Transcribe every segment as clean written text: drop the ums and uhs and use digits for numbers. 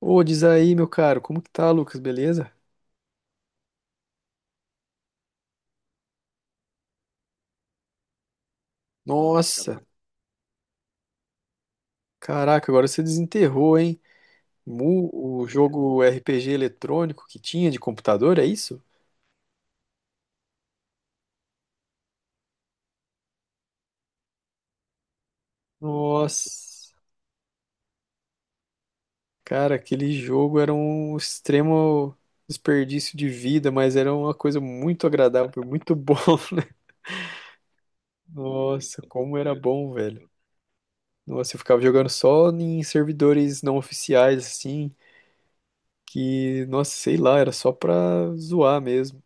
Ô, diz aí, meu caro, como que tá, Lucas? Beleza? Nossa, caraca. Agora você desenterrou, hein? O jogo RPG eletrônico que tinha de computador, é isso? Nossa, cara, aquele jogo era um extremo desperdício de vida, mas era uma coisa muito agradável, muito bom, né? Nossa, como era bom, velho. Nossa, eu ficava jogando só em servidores não oficiais, assim, que, nossa, sei lá, era só pra zoar mesmo.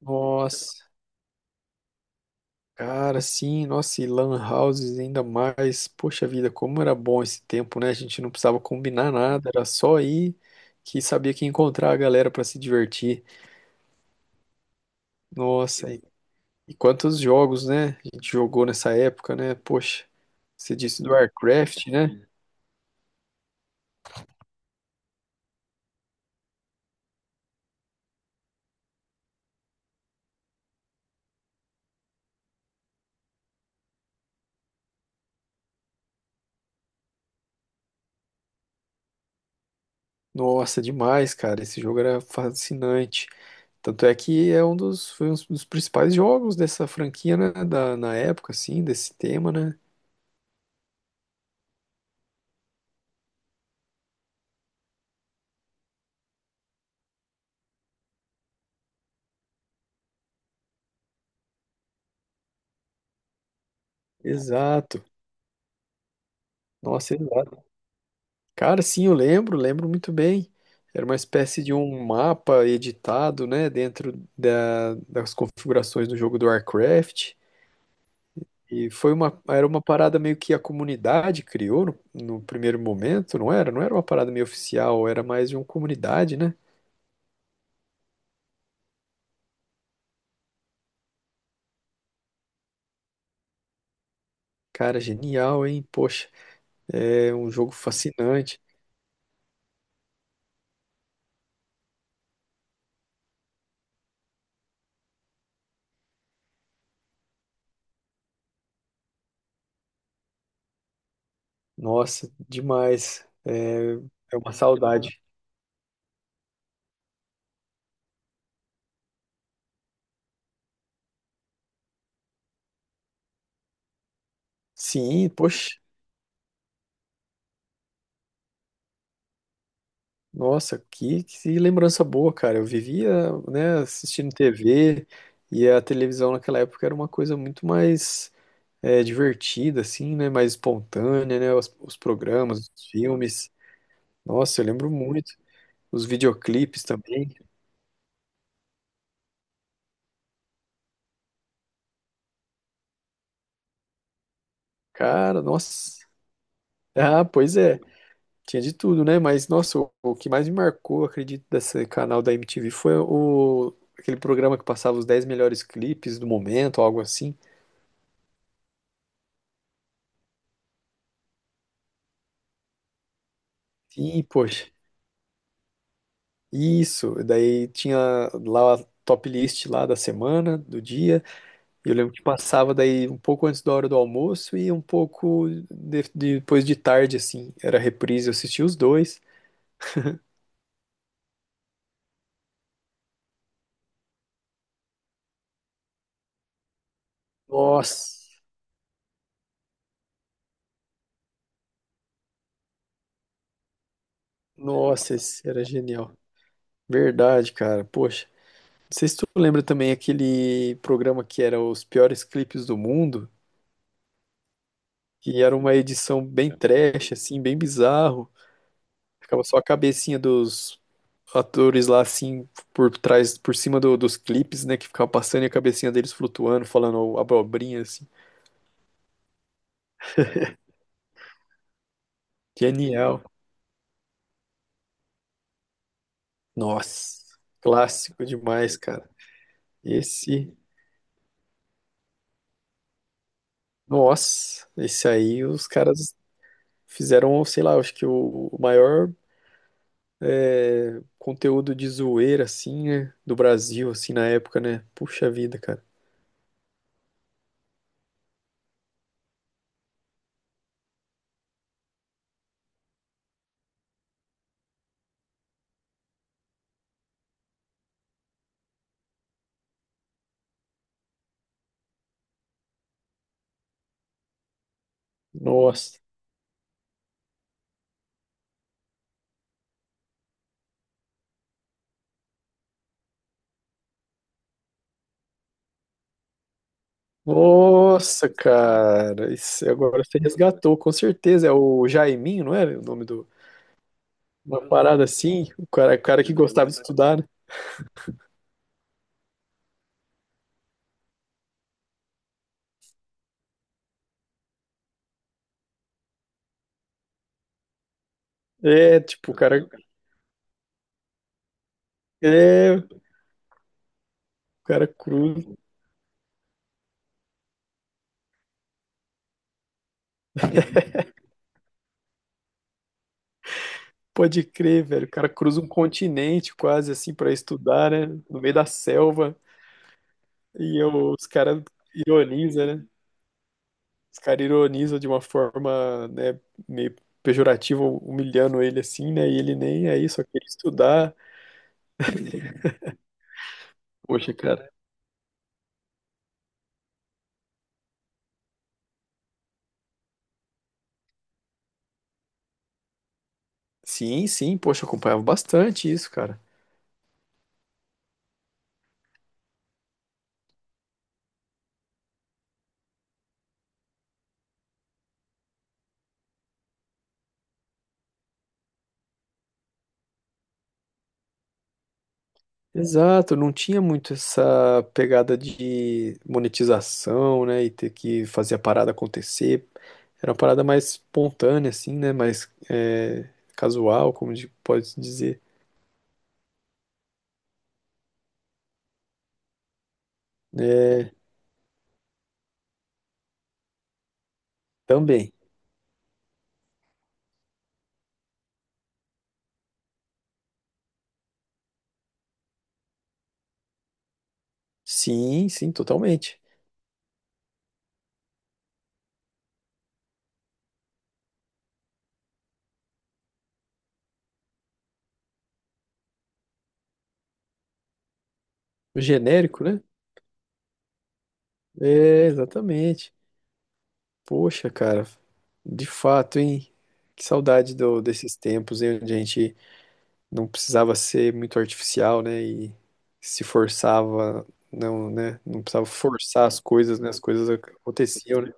Nossa. Cara, sim, nossa, e lan houses ainda mais. Poxa vida, como era bom esse tempo, né? A gente não precisava combinar nada, era só ir que sabia que ia encontrar a galera pra se divertir. Nossa, e, quantos jogos, né? A gente jogou nessa época, né? Poxa, você disse do Warcraft, né? Nossa, demais, cara, esse jogo era fascinante. Tanto é que é um dos, foi um dos principais jogos dessa franquia, né? Na época, assim, desse tema, né? Exato. Nossa, exato. Cara, sim, eu lembro muito bem. Era uma espécie de um mapa editado, né, dentro das configurações do jogo do Warcraft. E era uma parada meio que a comunidade criou no primeiro momento, não era? Não era uma parada meio oficial, era mais de uma comunidade, né? Cara, genial, hein? Poxa, é um jogo fascinante. Nossa, demais. É uma saudade. Sim, poxa. Nossa, que lembrança boa, cara. Eu vivia, né, assistindo TV, e a televisão naquela época era uma coisa muito mais divertida, assim, né, mais espontânea, né, os programas, os filmes. Nossa, eu lembro muito. Os videoclipes também. Cara, nossa. Ah, pois é. Tinha de tudo, né? Mas, nossa, o que mais me marcou, acredito, desse canal da MTV foi aquele programa que passava os 10 melhores clipes do momento, algo assim. E, poxa. Isso, daí tinha lá a top list lá da semana, do dia. E eu lembro que passava daí um pouco antes da hora do almoço e um pouco depois de tarde, assim. Era reprise, eu assistia os dois. Nossa, nossa, esse era genial. Verdade, cara. Poxa, não sei se tu lembra também aquele programa que era os piores clipes do mundo, que era uma edição bem trash, assim, bem bizarro. Ficava só a cabecinha dos atores lá, assim, por trás, por cima dos clipes, né? Que ficava passando e a cabecinha deles flutuando, falando abobrinha, assim. Genial. Nossa, clássico demais, cara. Esse, Nossa, esse aí os caras fizeram, sei lá, acho que o maior conteúdo de zoeira, assim, né? Do Brasil, assim, na época, né? Puxa vida, cara. Nossa. Nossa, cara, isso agora você resgatou, com certeza. É o Jaiminho, não era o nome do. Uma parada assim, o cara que gostava de estudar, né? É, tipo, o cara. É, o cara cruza. Pode crer, velho. O cara cruza um continente quase assim pra estudar, né? No meio da selva. Os caras ironizam, né? Os caras ironizam de uma forma, né, meio pejorativa, humilhando ele assim, né? E ele nem aí, só queria estudar. Poxa, cara. Sim, sim, poxa, eu acompanhava bastante isso, cara. Exato, não tinha muito essa pegada de monetização, né, e ter que fazer a parada acontecer. Era uma parada mais espontânea, assim, né, mais casual, como pode-se dizer. É, também. Sim, sim, totalmente. O genérico, né? É, exatamente. Poxa, cara, de fato, hein? Que saudade desses tempos, hein, onde a gente não precisava ser muito artificial, né? E se forçava, não, né? Não precisava forçar as coisas, né? As coisas aconteciam, né?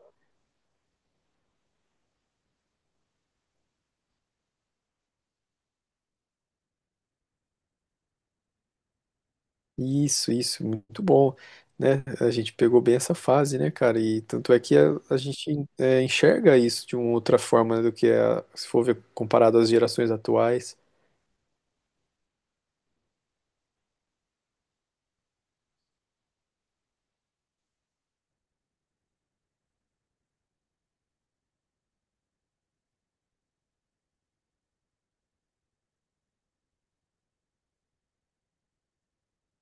Isso, muito bom, né? A gente pegou bem essa fase, né, cara? E tanto é que a gente enxerga isso de uma outra forma, né, do que se for ver comparado às gerações atuais.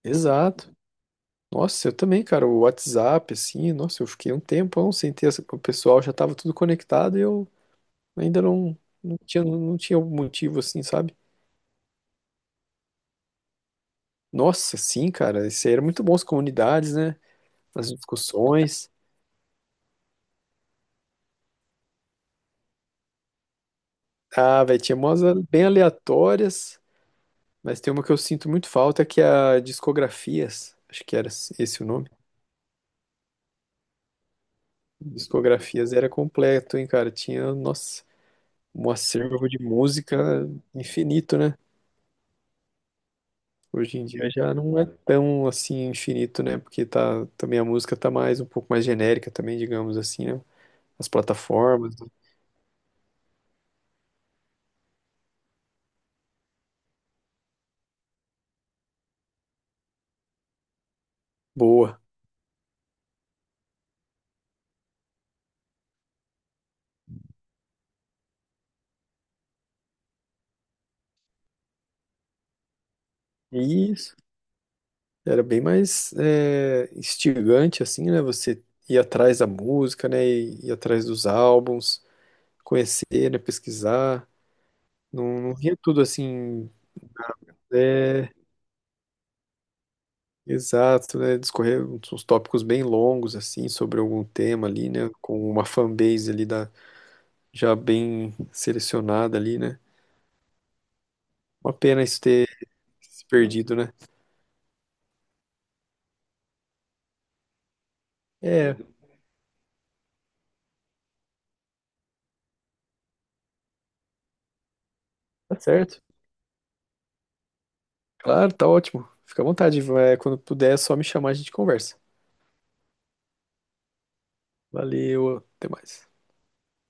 Exato. Nossa, eu também, cara, o WhatsApp, assim, nossa, eu fiquei um tempão sem ter essa, o pessoal já tava tudo conectado e eu ainda não, não tinha um motivo, assim, sabe? Nossa, sim, cara. Isso aí era muito bom, as comunidades, né? As discussões. Ah, velho, tinha umas bem aleatórias, mas tem uma que eu sinto muito falta, que é a Discografias. Acho que era esse o nome. Discografias era completo, hein, cara? Tinha, nossa, um acervo de música infinito, né? Hoje em dia já não é tão assim infinito, né? Porque tá, também a música tá mais um pouco mais genérica também, digamos assim, né? As plataformas. Boa. Isso. Era bem mais instigante, assim, né? Você ir atrás da música, né? E ir atrás dos álbuns, conhecer, né? Pesquisar. Não, não via tudo assim, é, exato, né? Discorrer uns tópicos bem longos, assim, sobre algum tema ali, né? Com uma fanbase ali já bem selecionada ali, né? Uma pena isso ter se perdido, né? É, tá certo. Claro, tá ótimo. Fica à vontade. Vai, quando puder, é só me chamar, a gente conversa. Valeu, até mais.